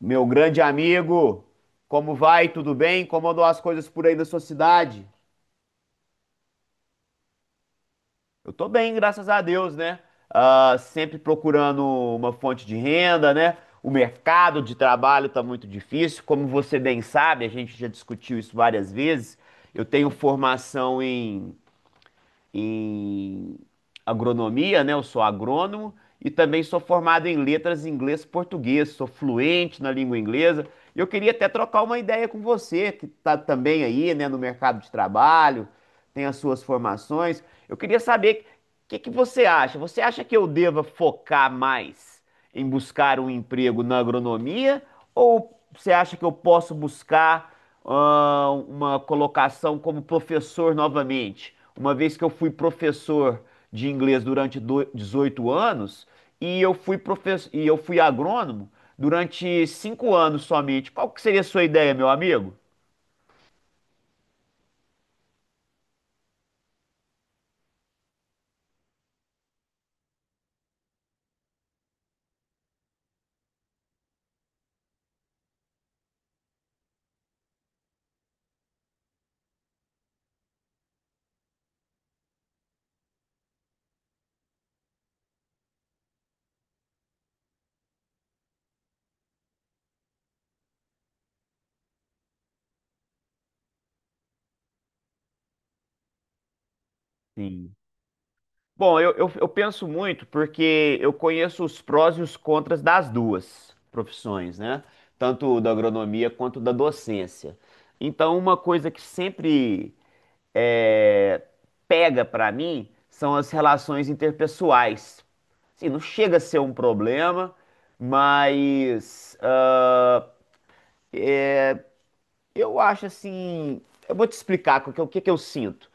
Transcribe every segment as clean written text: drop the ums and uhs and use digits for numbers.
Meu grande amigo, como vai? Tudo bem? Como andam as coisas por aí da sua cidade? Eu tô bem, graças a Deus, né? Ah, sempre procurando uma fonte de renda, né? O mercado de trabalho tá muito difícil. Como você bem sabe, a gente já discutiu isso várias vezes. Eu tenho formação em agronomia, né? Eu sou agrônomo e também sou formado em letras em inglês e português, sou fluente na língua inglesa. E eu queria até trocar uma ideia com você, que está também aí, né, no mercado de trabalho, tem as suas formações. Eu queria saber o que que você acha? Você acha que eu deva focar mais em buscar um emprego na agronomia ou você acha que eu posso buscar uma colocação como professor novamente, uma vez que eu fui professor de inglês durante 18 anos e eu fui professor e eu fui agrônomo durante 5 anos somente. Qual que seria a sua ideia, meu amigo? Sim. Bom, eu penso muito porque eu conheço os prós e os contras das duas profissões, né? Tanto da agronomia quanto da docência. Então, uma coisa que sempre é, pega pra mim são as relações interpessoais. Assim, não chega a ser um problema, mas eu acho assim. Eu vou te explicar o que que eu sinto.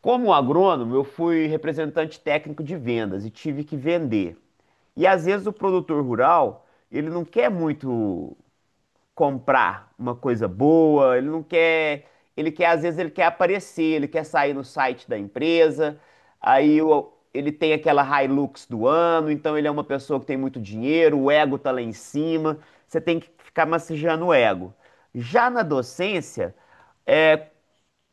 Como agrônomo, eu fui representante técnico de vendas e tive que vender. E às vezes o produtor rural, ele não quer muito comprar uma coisa boa, ele não quer, ele quer às vezes ele quer aparecer, ele quer sair no site da empresa, aí ele tem aquela Hilux do ano, então ele é uma pessoa que tem muito dinheiro, o ego tá lá em cima, você tem que ficar massageando o ego. Já na docência, é,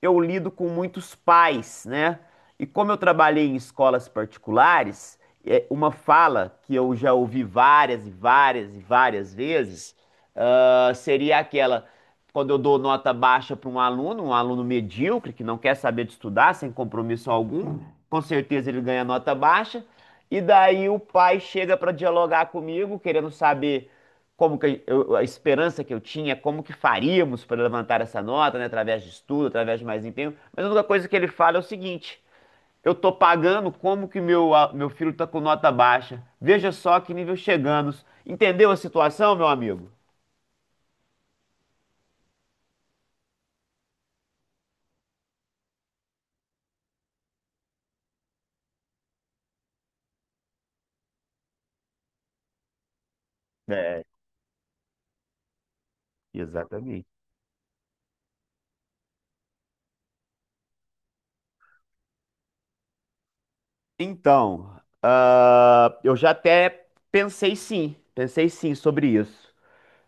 eu lido com muitos pais, né? E como eu trabalhei em escolas particulares, é uma fala que eu já ouvi várias e várias e várias vezes, ah, seria aquela quando eu dou nota baixa para um aluno medíocre que não quer saber de estudar, sem compromisso algum, com certeza ele ganha nota baixa. E daí o pai chega para dialogar comigo, querendo saber como que a esperança que eu tinha, como que faríamos para levantar essa nota, né, através de estudo, através de mais empenho. Mas a única coisa que ele fala é o seguinte: eu tô pagando como que meu filho tá com nota baixa. Veja só que nível chegamos. Entendeu a situação, meu amigo? É, exatamente. Então, eu já até pensei sim sobre isso.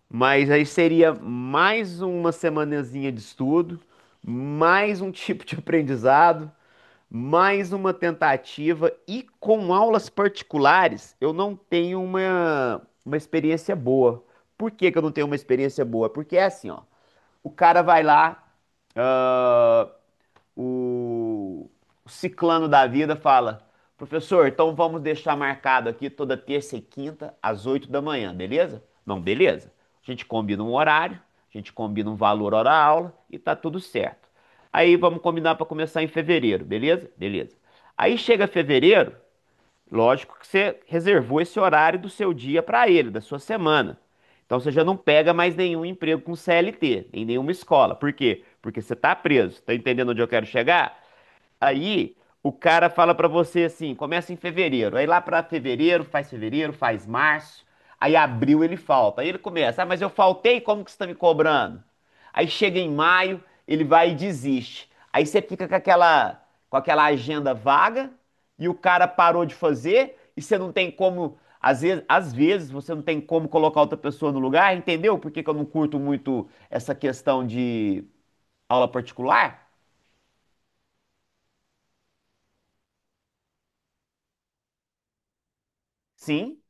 Mas aí seria mais uma semanazinha de estudo, mais um tipo de aprendizado, mais uma tentativa e com aulas particulares eu não tenho uma experiência boa. Por que que eu não tenho uma experiência boa? Porque é assim, ó, o cara vai lá, ah, o ciclano da vida fala: professor, então vamos deixar marcado aqui toda terça e quinta às 8 da manhã, beleza? Não, beleza. A gente combina um horário, a gente combina um valor hora aula e tá tudo certo. Aí vamos combinar para começar em fevereiro, beleza? Beleza. Aí chega fevereiro. Lógico que você reservou esse horário do seu dia para ele, da sua semana. Então você já não pega mais nenhum emprego com CLT, em nenhuma escola. Por quê? Porque você está preso. Tá entendendo onde eu quero chegar? Aí o cara fala pra você assim, começa em fevereiro. Aí lá pra fevereiro, faz março. Aí abril ele falta. Aí ele começa, ah, mas eu faltei, como que você tá me cobrando? Aí chega em maio, ele vai e desiste. Aí você fica com aquela agenda vaga e o cara parou de fazer e você não tem como, às vezes você não tem como colocar outra pessoa no lugar, entendeu? Por que que eu não curto muito essa questão de aula particular? Sim.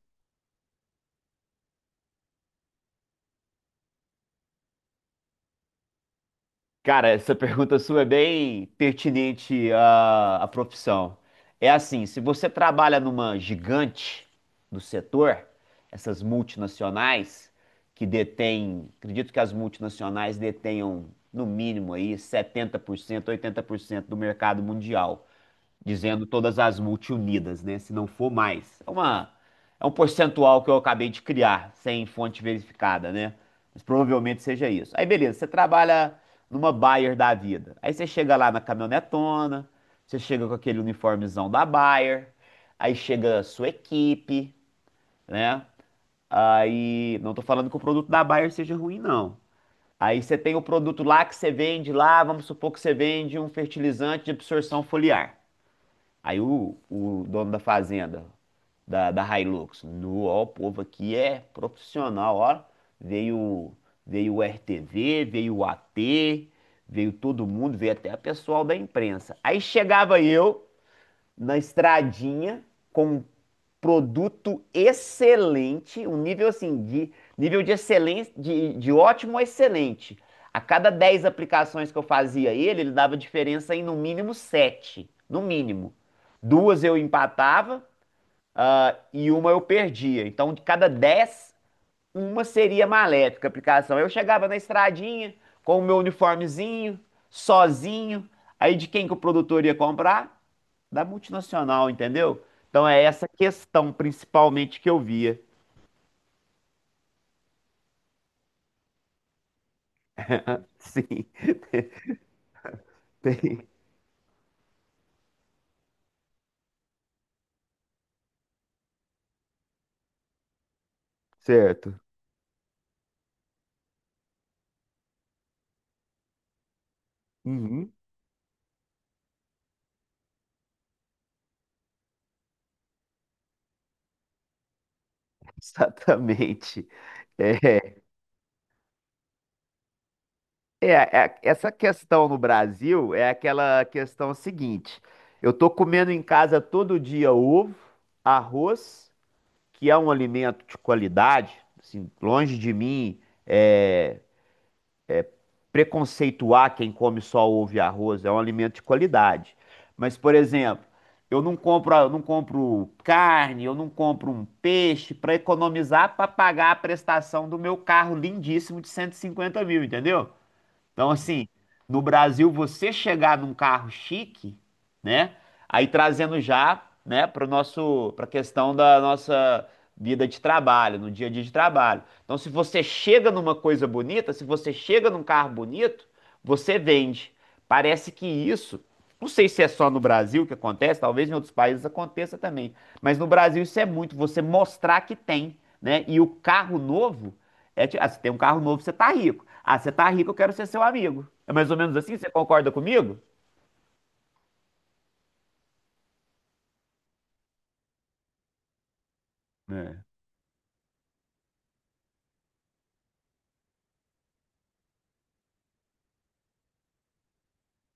Cara, essa pergunta sua é bem pertinente à profissão. É assim, se você trabalha numa gigante do setor, essas multinacionais que detêm, acredito que as multinacionais detenham no mínimo aí 70%, 80% do mercado mundial dizendo todas as multiunidas, né? Se não for mais. É uma, é um percentual que eu acabei de criar, sem fonte verificada, né? Mas provavelmente seja isso. Aí, beleza, você trabalha numa Bayer da vida. Aí você chega lá na caminhonetona, você chega com aquele uniformezão da Bayer, aí chega a sua equipe, né? Aí, não tô falando que o produto da Bayer seja ruim, não. Aí você tem o produto lá que você vende lá, vamos supor que você vende um fertilizante de absorção foliar. Aí o dono da fazenda, da Hilux, no, ó, o povo aqui é profissional, ó. Veio, veio o RTV, veio o AT, veio todo mundo, veio até o pessoal da imprensa. Aí chegava eu na estradinha com um produto excelente, um nível assim, de nível de excelência, de ótimo a excelente. A cada 10 aplicações que eu fazia ele, ele dava diferença em no mínimo 7, no mínimo. Duas eu empatava, ah, e uma eu perdia. Então, de cada 10 uma seria maléfica a aplicação. Eu chegava na estradinha com o meu uniformezinho, sozinho. Aí de quem que o produtor ia comprar? Da multinacional, entendeu? Então é essa questão principalmente que eu via. Sim, tem- certo. Uhum, exatamente. É, essa questão no Brasil é aquela questão seguinte: eu tô comendo em casa todo dia ovo, arroz, que é um alimento de qualidade, assim, longe de mim. É, preconceituar quem come só ovo e arroz, é um alimento de qualidade. Mas, por exemplo, eu não compro carne, eu não compro um peixe para economizar para pagar a prestação do meu carro lindíssimo de 150 mil, entendeu? Então, assim, no Brasil, você chegar num carro chique, né? Aí trazendo já, né, para nosso, para questão da nossa vida de trabalho, no dia a dia de trabalho. Então, se você chega numa coisa bonita, se você chega num carro bonito, você vende. Parece que isso, não sei se é só no Brasil que acontece, talvez em outros países aconteça também, mas no Brasil isso é muito, você mostrar que tem, né? E o carro novo é, ti- ah, você tem um carro novo, você tá rico. Ah, você tá rico, eu quero ser seu amigo. É mais ou menos assim? Você concorda comigo? É.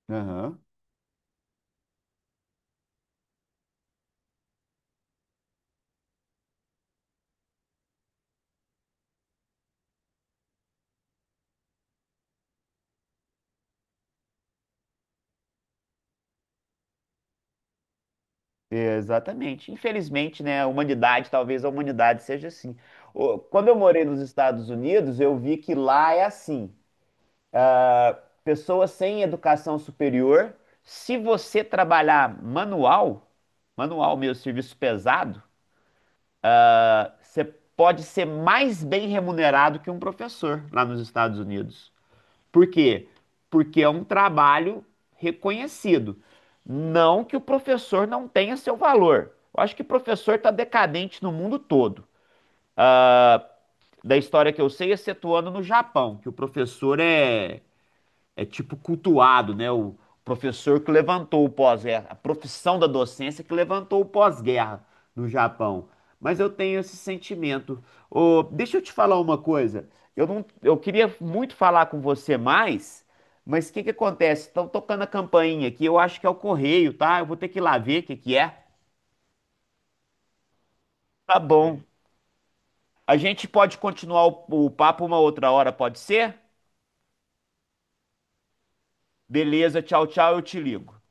Aham. Exatamente. Infelizmente, né, a humanidade, talvez a humanidade seja assim. O- Quando eu morei nos Estados Unidos, eu vi que lá é assim. ah, Pessoas sem educação superior, se você trabalhar manual, manual mesmo, serviço pesado, você pode ser mais bem remunerado que um professor lá nos Estados Unidos. Por quê? Porque é um trabalho reconhecido. Não que o professor não tenha seu valor. Eu acho que professor está decadente no mundo todo. Ah, Da história que eu sei, excetuando no Japão, que o professor é tipo cultuado, né? O professor que levantou o pós-guerra, a profissão da docência que levantou o pós-guerra no Japão. Mas eu tenho esse sentimento. Ô, deixa eu te falar uma coisa. Eu não, eu queria muito falar com você mais, mas o que que acontece? Estão tocando a campainha aqui. Eu acho que é o correio, tá? Eu vou ter que ir lá ver o que que é. Tá bom. A gente pode continuar o papo uma outra hora, pode ser? Beleza, tchau, tchau, eu te ligo.